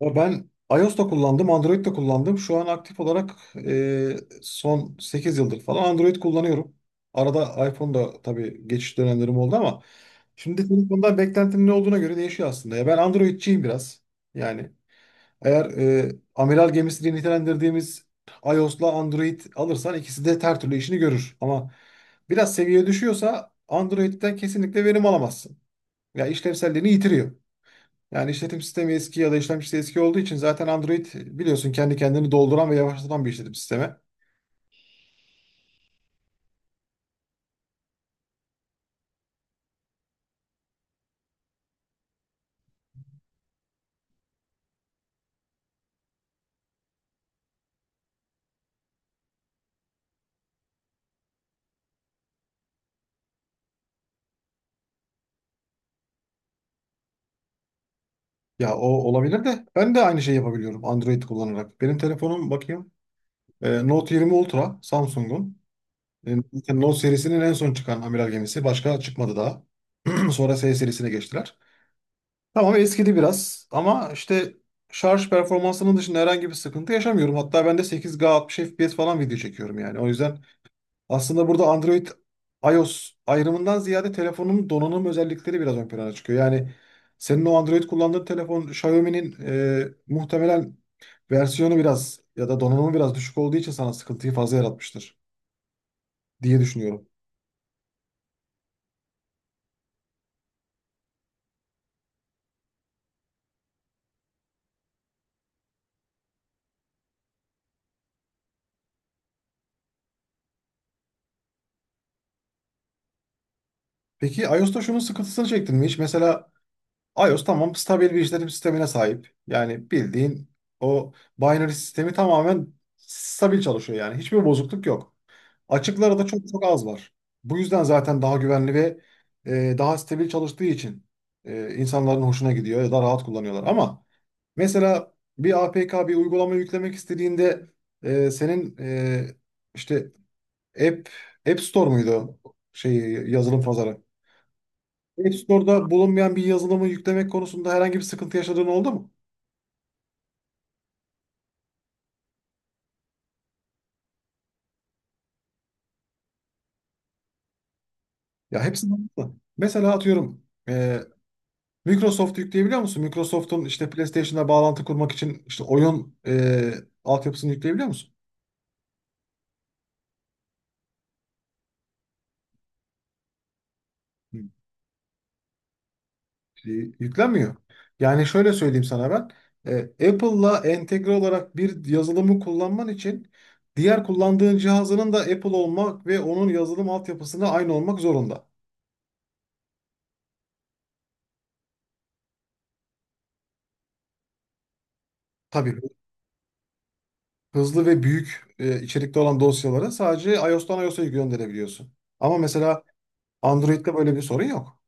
Ya ben iOS da kullandım, Android de kullandım. Şu an aktif olarak e, son 8 yıldır falan Android kullanıyorum. Arada iPhone da tabii geçiş dönemlerim oldu ama şimdi telefondan beklentim ne olduğuna göre değişiyor aslında. Ya ben Android'ciyim biraz. Yani eğer amiral gemisi diye nitelendirdiğimiz iOS'la Android alırsan ikisi de her türlü işini görür. Ama biraz seviye düşüyorsa Android'den kesinlikle verim alamazsın. Ya işlevselliğini yitiriyor. Yani işletim sistemi eski ya da işlemcisi eski olduğu için zaten Android biliyorsun kendi kendini dolduran ve yavaşlatan bir işletim sistemi. Ya o olabilir de ben de aynı şeyi yapabiliyorum Android kullanarak. Benim telefonum bakayım Note 20 Ultra Samsung'un. E, Note serisinin en son çıkan amiral gemisi. Başka çıkmadı daha. Sonra S serisine geçtiler. Tamam eskidi biraz ama işte şarj performansının dışında herhangi bir sıkıntı yaşamıyorum. Hatta ben de 8K 60 FPS falan video çekiyorum yani. O yüzden aslında burada Android iOS ayrımından ziyade telefonun donanım özellikleri biraz ön plana çıkıyor. Yani senin o Android kullandığın telefon Xiaomi'nin muhtemelen versiyonu biraz ya da donanımı biraz düşük olduğu için sana sıkıntıyı fazla yaratmıştır diye düşünüyorum. Peki iOS'ta şunun sıkıntısını çektin mi hiç? Mesela iOS tamam stabil bir işletim sistemine sahip. Yani bildiğin o binary sistemi tamamen stabil çalışıyor yani. Hiçbir bozukluk yok. Açıkları da çok çok az var. Bu yüzden zaten daha güvenli ve daha stabil çalıştığı için insanların hoşuna gidiyor ya da rahat kullanıyorlar. Ama mesela bir APK bir uygulama yüklemek istediğinde senin işte App App Store muydu şey yazılım pazarı? App Store'da bulunmayan bir yazılımı yüklemek konusunda herhangi bir sıkıntı yaşadığın oldu mu? Ya hepsi oldu. Mesela atıyorum e, Microsoft yükleyebiliyor musun? Microsoft'un işte PlayStation'a bağlantı kurmak için işte oyun altyapısını yükleyebiliyor musun? Yüklenmiyor. Yani şöyle söyleyeyim sana ben. Apple'la entegre olarak bir yazılımı kullanman için diğer kullandığın cihazının da Apple olmak ve onun yazılım altyapısına aynı olmak zorunda. Tabii hızlı ve büyük içerikte olan dosyaları sadece iOS'tan iOS'a gönderebiliyorsun. Ama mesela Android'de böyle bir sorun yok.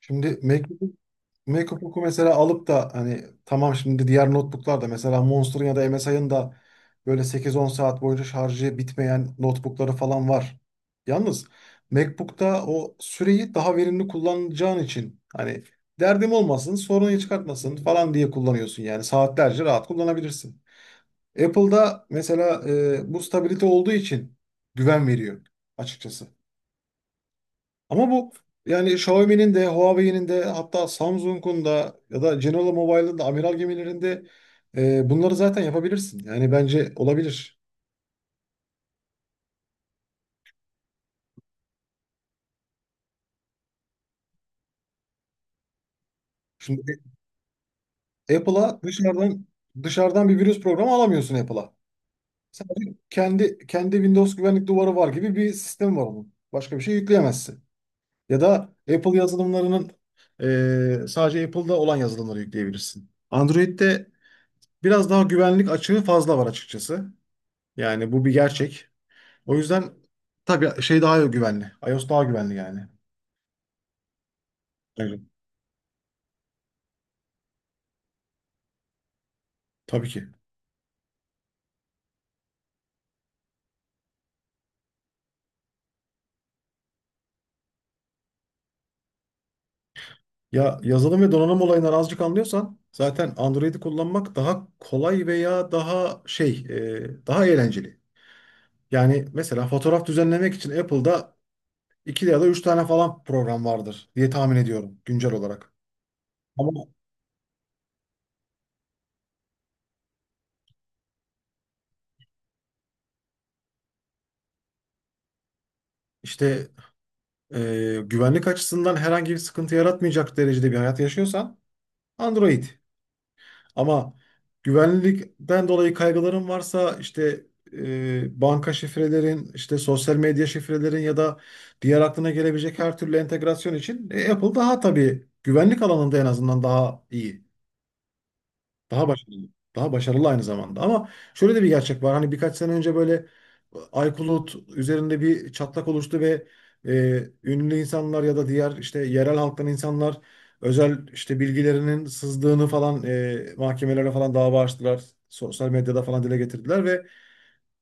Şimdi MacBook'u mesela alıp da hani tamam şimdi diğer notebooklar da mesela Monster'ın ya da MSI'ın da böyle sekiz on saat boyunca şarjı bitmeyen notebookları falan var. Yalnız MacBook'ta o süreyi daha verimli kullanacağın için hani derdim olmasın, sorunu çıkartmasın falan diye kullanıyorsun yani saatlerce rahat kullanabilirsin. Apple'da mesela bu stabilite olduğu için güven veriyor açıkçası. Ama bu yani Xiaomi'nin de Huawei'nin de hatta Samsung'un da ya da General Mobile'ın da amiral gemilerinde bunları zaten yapabilirsin. Yani bence olabilir. Şimdi Apple'a dışarıdan bir virüs programı alamıyorsun Apple'a. Sadece kendi Windows güvenlik duvarı var gibi bir sistem var onun. Başka bir şey yükleyemezsin. Ya da Apple yazılımlarının sadece Apple'da olan yazılımları yükleyebilirsin. Android'de biraz daha güvenlik açığı fazla var açıkçası. Yani bu bir gerçek. O yüzden tabii şey daha güvenli. iOS daha güvenli yani. Evet. Tabii ki. Ya yazılım ve donanım olayından azıcık anlıyorsan zaten Android'i kullanmak daha kolay veya daha şey daha eğlenceli. Yani mesela fotoğraf düzenlemek için Apple'da iki ya da üç tane falan program vardır diye tahmin ediyorum güncel olarak. Ama işte güvenlik açısından herhangi bir sıkıntı yaratmayacak derecede bir hayat yaşıyorsan Android. Ama güvenlikten dolayı kaygıların varsa işte banka şifrelerin, işte sosyal medya şifrelerin ya da diğer aklına gelebilecek her türlü entegrasyon için Apple daha tabii güvenlik alanında en azından daha iyi. Daha başarılı. Daha başarılı aynı zamanda. Ama şöyle de bir gerçek var. Hani birkaç sene önce böyle iCloud üzerinde bir çatlak oluştu ve ünlü insanlar ya da diğer işte yerel halktan insanlar özel işte bilgilerinin sızdığını falan mahkemelere falan dava açtılar. Sosyal medyada falan dile getirdiler ve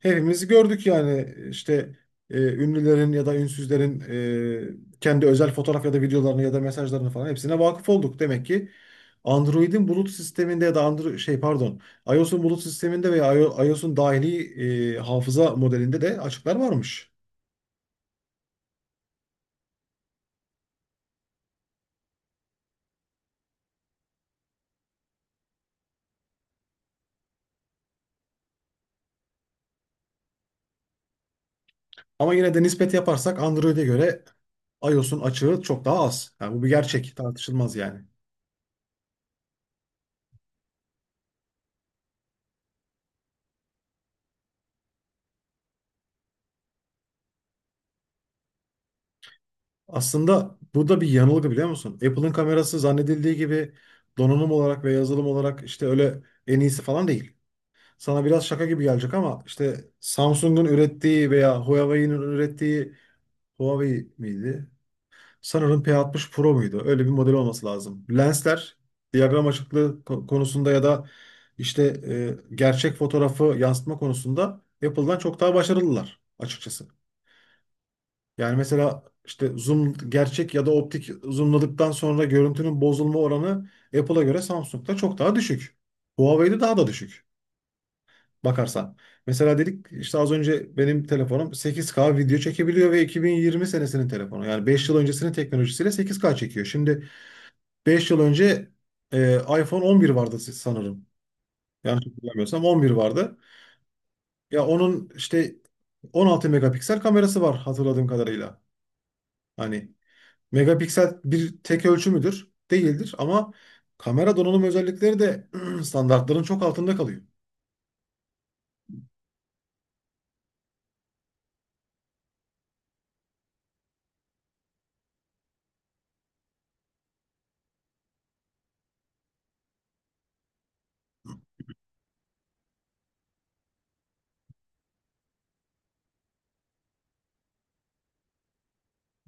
hepimiz gördük yani işte ünlülerin ya da ünsüzlerin kendi özel fotoğraf ya da videolarını ya da mesajlarını falan hepsine vakıf olduk. Demek ki Android'in bulut sisteminde ya da Android şey pardon iOS'un bulut sisteminde veya iOS'un dahili hafıza modelinde de açıklar varmış. Ama yine de nispet yaparsak Android'e göre iOS'un açığı çok daha az. Yani bu bir gerçek, tartışılmaz yani. Aslında bu da bir yanılgı biliyor musun? Apple'ın kamerası zannedildiği gibi donanım olarak ve yazılım olarak işte öyle en iyisi falan değil. Sana biraz şaka gibi gelecek ama işte Samsung'un ürettiği veya Huawei'nin ürettiği Huawei miydi? Sanırım P60 Pro muydu? Öyle bir model olması lazım. Lensler diyagram açıklığı konusunda ya da işte gerçek fotoğrafı yansıtma konusunda Apple'dan çok daha başarılılar açıkçası. Yani mesela işte zoom gerçek ya da optik zoomladıktan sonra görüntünün bozulma oranı Apple'a göre Samsung'da çok daha düşük. Huawei'de daha da düşük bakarsan. Mesela dedik işte az önce benim telefonum 8K video çekebiliyor ve 2020 senesinin telefonu. Yani 5 yıl öncesinin teknolojisiyle 8K çekiyor. Şimdi, 5 yıl önce iPhone 11 vardı sanırım. Yanlış hatırlamıyorsam 11 vardı. Ya onun işte 16 megapiksel kamerası var hatırladığım kadarıyla. Hani megapiksel bir tek ölçü müdür? Değildir ama kamera donanım özellikleri de standartların çok altında kalıyor.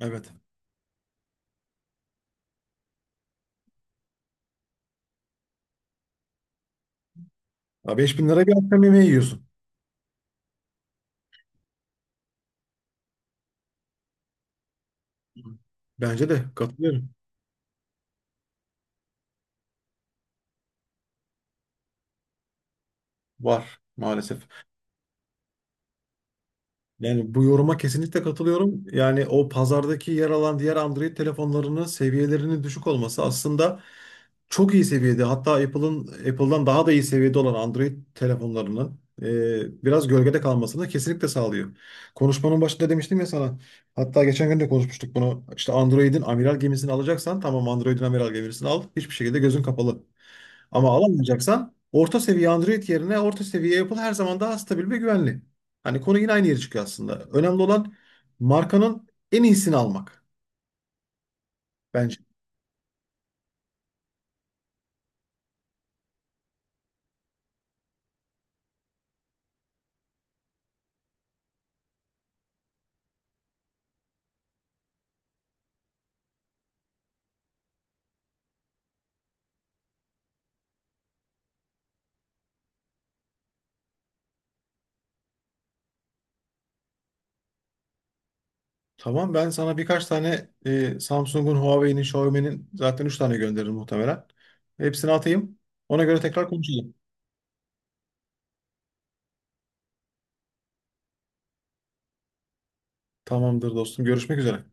Evet. Ya 5.000 lira bir akşam yemeği yiyorsun. Bence de katılıyorum. Var maalesef. Yani bu yoruma kesinlikle katılıyorum. Yani o pazardaki yer alan diğer Android telefonlarının seviyelerinin düşük olması aslında çok iyi seviyede hatta Apple'ın Apple'dan daha da iyi seviyede olan Android telefonlarının biraz gölgede kalmasını kesinlikle sağlıyor. Konuşmanın başında demiştim ya sana. Hatta geçen gün de konuşmuştuk bunu. İşte Android'in amiral gemisini alacaksan tamam Android'in amiral gemisini al. Hiçbir şekilde gözün kapalı. Ama alamayacaksan orta seviye Android yerine orta seviye Apple her zaman daha stabil ve güvenli. Hani konu yine aynı yere çıkıyor aslında. Önemli olan markanın en iyisini almak bence. Tamam ben sana birkaç tane Samsung'un, Huawei'nin, Xiaomi'nin zaten 3 tane gönderirim muhtemelen. Hepsini atayım. Ona göre tekrar konuşalım. Tamamdır dostum. Görüşmek üzere.